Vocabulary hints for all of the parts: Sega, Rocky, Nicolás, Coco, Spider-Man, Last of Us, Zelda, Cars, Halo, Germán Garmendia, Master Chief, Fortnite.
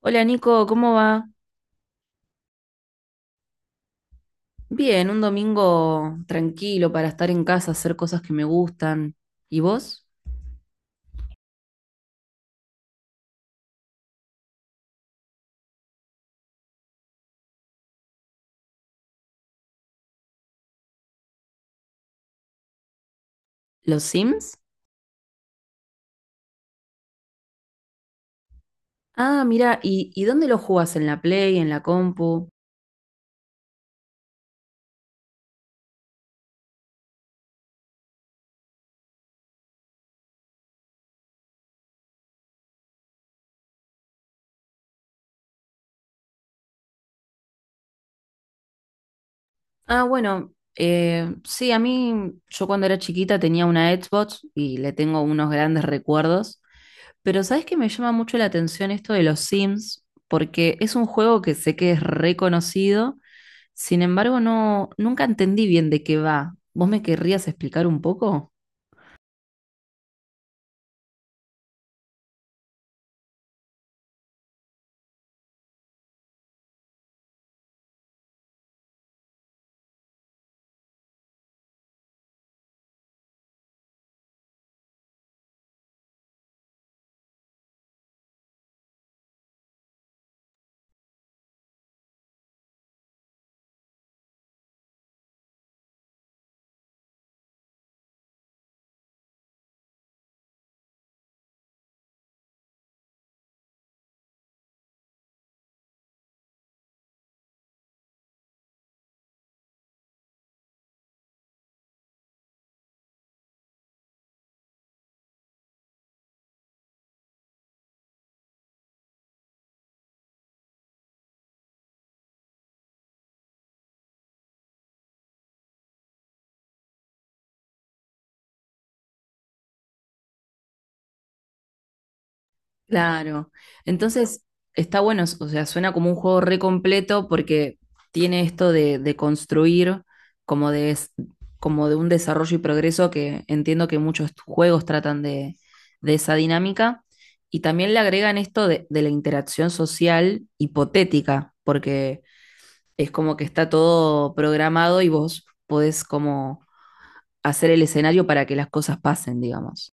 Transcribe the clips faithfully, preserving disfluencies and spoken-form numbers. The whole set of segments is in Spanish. Hola Nico, ¿cómo va? Bien, un domingo tranquilo para estar en casa, hacer cosas que me gustan. ¿Y vos? ¿Los Sims? Ah, mira, ¿y, y dónde los jugás? ¿En la Play, en la compu? Ah, bueno, eh, sí, a mí, yo cuando era chiquita tenía una Xbox y le tengo unos grandes recuerdos. Pero ¿sabés que me llama mucho la atención esto de los Sims? Porque es un juego que sé que es reconocido, sin embargo, no, nunca entendí bien de qué va. ¿Vos me querrías explicar un poco? Claro. Entonces, está bueno, o sea, suena como un juego re completo porque tiene esto de, de construir como de, es- como de un desarrollo y progreso que entiendo que muchos juegos tratan de, de esa dinámica. Y también le agregan esto de, de la interacción social hipotética, porque es como que está todo programado y vos podés como hacer el escenario para que las cosas pasen, digamos.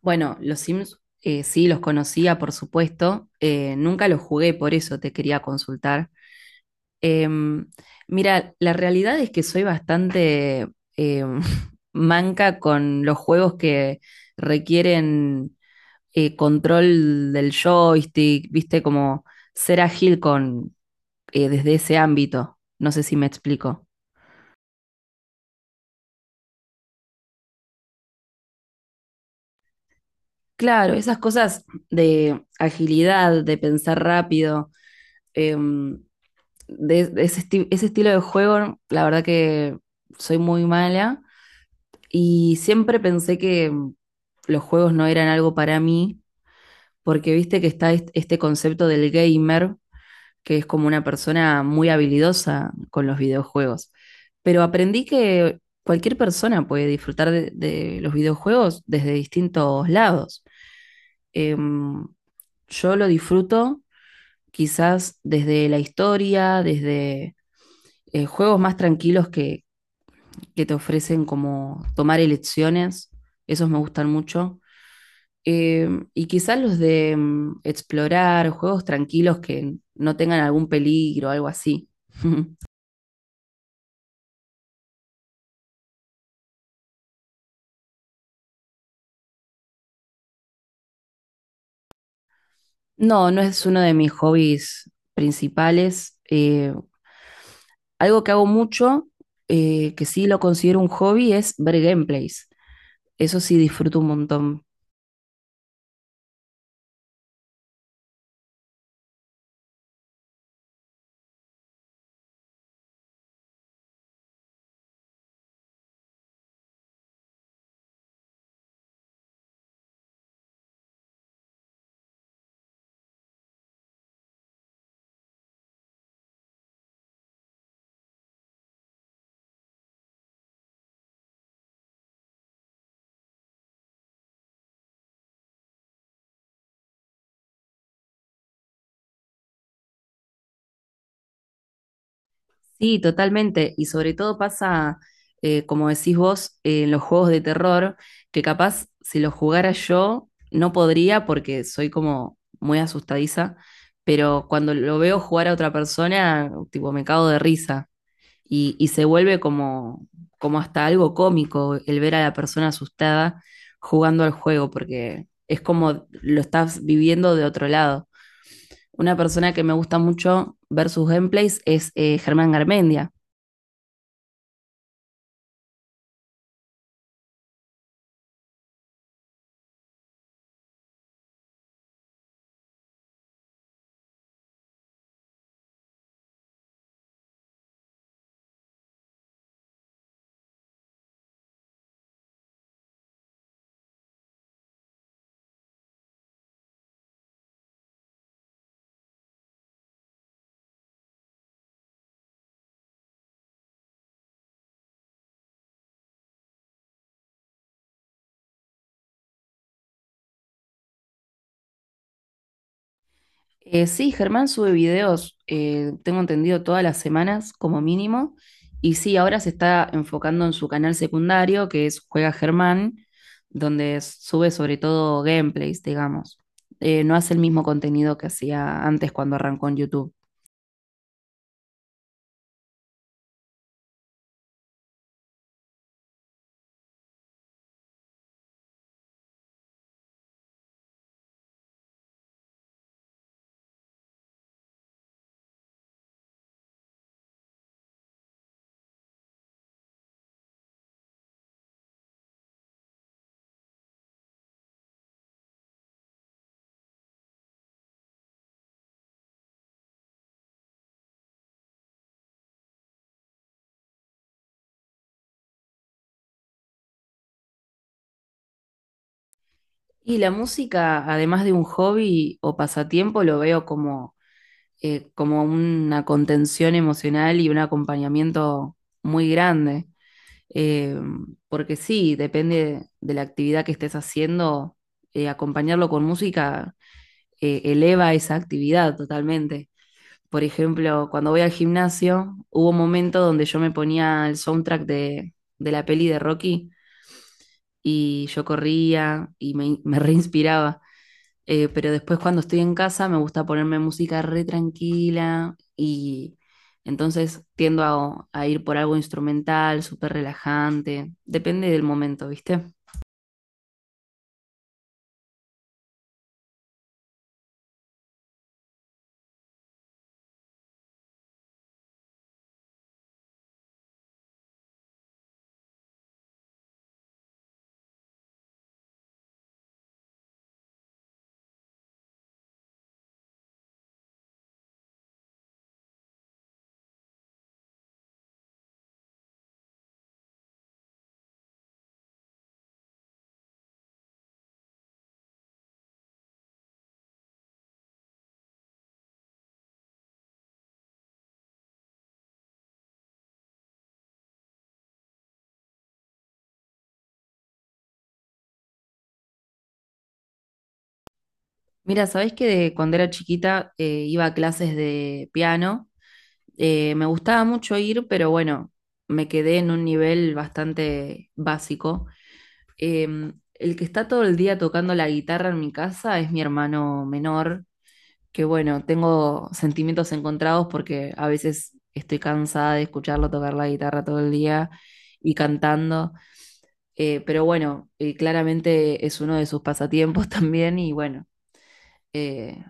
Bueno, los Sims eh, sí los conocía, por supuesto. Eh, nunca los jugué, por eso te quería consultar. Em, Mira, la realidad es que soy bastante em, manca con los juegos que requieren eh, control del joystick, viste, como ser ágil con eh, desde ese ámbito. No sé si me explico. Claro, esas cosas de agilidad, de pensar rápido. em, de, de ese, esti- ese estilo de juego, la verdad que soy muy mala y siempre pensé que mm, los juegos no eran algo para mí, porque viste que está est- este concepto del gamer, que es como una persona muy habilidosa con los videojuegos. Pero aprendí que cualquier persona puede disfrutar de, de los videojuegos desde distintos lados. Em, yo lo disfruto quizás desde la historia, desde eh, juegos más tranquilos que, que te ofrecen como tomar elecciones, esos me gustan mucho. Eh, y quizás los de mm, explorar, juegos tranquilos que no tengan algún peligro, algo así. No, no es uno de mis hobbies principales. Eh, algo que hago mucho, eh, que sí lo considero un hobby, es ver gameplays. Eso sí disfruto un montón. Sí, totalmente. Y sobre todo pasa, eh, como decís vos, eh, en los juegos de terror, que capaz si los jugara yo no podría porque soy como muy asustadiza, pero cuando lo veo jugar a otra persona, tipo, me cago de risa. Y, y se vuelve como, como hasta algo cómico el ver a la persona asustada jugando al juego, porque es como lo estás viviendo de otro lado. Una persona que me gusta mucho ver sus gameplays es eh, Germán Garmendia. Eh, sí, Germán sube videos, eh, tengo entendido, todas las semanas como mínimo. Y sí, ahora se está enfocando en su canal secundario, que es Juega Germán, donde sube sobre todo gameplays, digamos. Eh, no hace el mismo contenido que hacía antes cuando arrancó en YouTube. Y la música, además de un hobby o pasatiempo, lo veo como, eh, como una contención emocional y un acompañamiento muy grande. Eh, porque sí, depende de la actividad que estés haciendo, eh, acompañarlo con música eh, eleva esa actividad totalmente. Por ejemplo, cuando voy al gimnasio, hubo un momento donde yo me ponía el soundtrack de, de la peli de Rocky y yo corría y me, me reinspiraba. Eh, pero después cuando estoy en casa me gusta ponerme música re tranquila y entonces tiendo a, a ir por algo instrumental, súper relajante, depende del momento, ¿viste? Mira, ¿sabés que de cuando era chiquita eh, iba a clases de piano? Eh, me gustaba mucho ir, pero bueno, me quedé en un nivel bastante básico. Em, el que está todo el día tocando la guitarra en mi casa es mi hermano menor que bueno, tengo sentimientos encontrados porque a veces estoy cansada de escucharlo tocar la guitarra todo el día y cantando, eh, pero bueno, eh, claramente es uno de sus pasatiempos también y bueno, eh,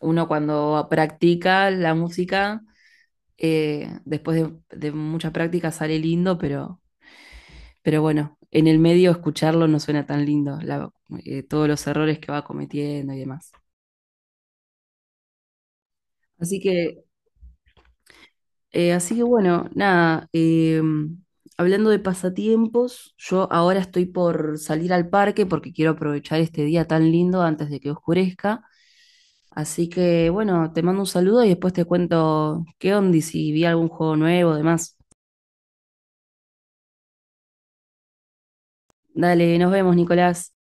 uno cuando practica la música, eh, después de, de mucha práctica sale lindo, pero, pero bueno, en el medio escucharlo no suena tan lindo, la- eh, todos los errores que va cometiendo y demás. Así que Eh, así que bueno, nada, eh, hablando de pasatiempos, yo ahora estoy por salir al parque porque quiero aprovechar este día tan lindo antes de que oscurezca. Así que bueno, te mando un saludo y después te cuento qué onda y si vi algún juego nuevo, demás. Dale, nos vemos, Nicolás.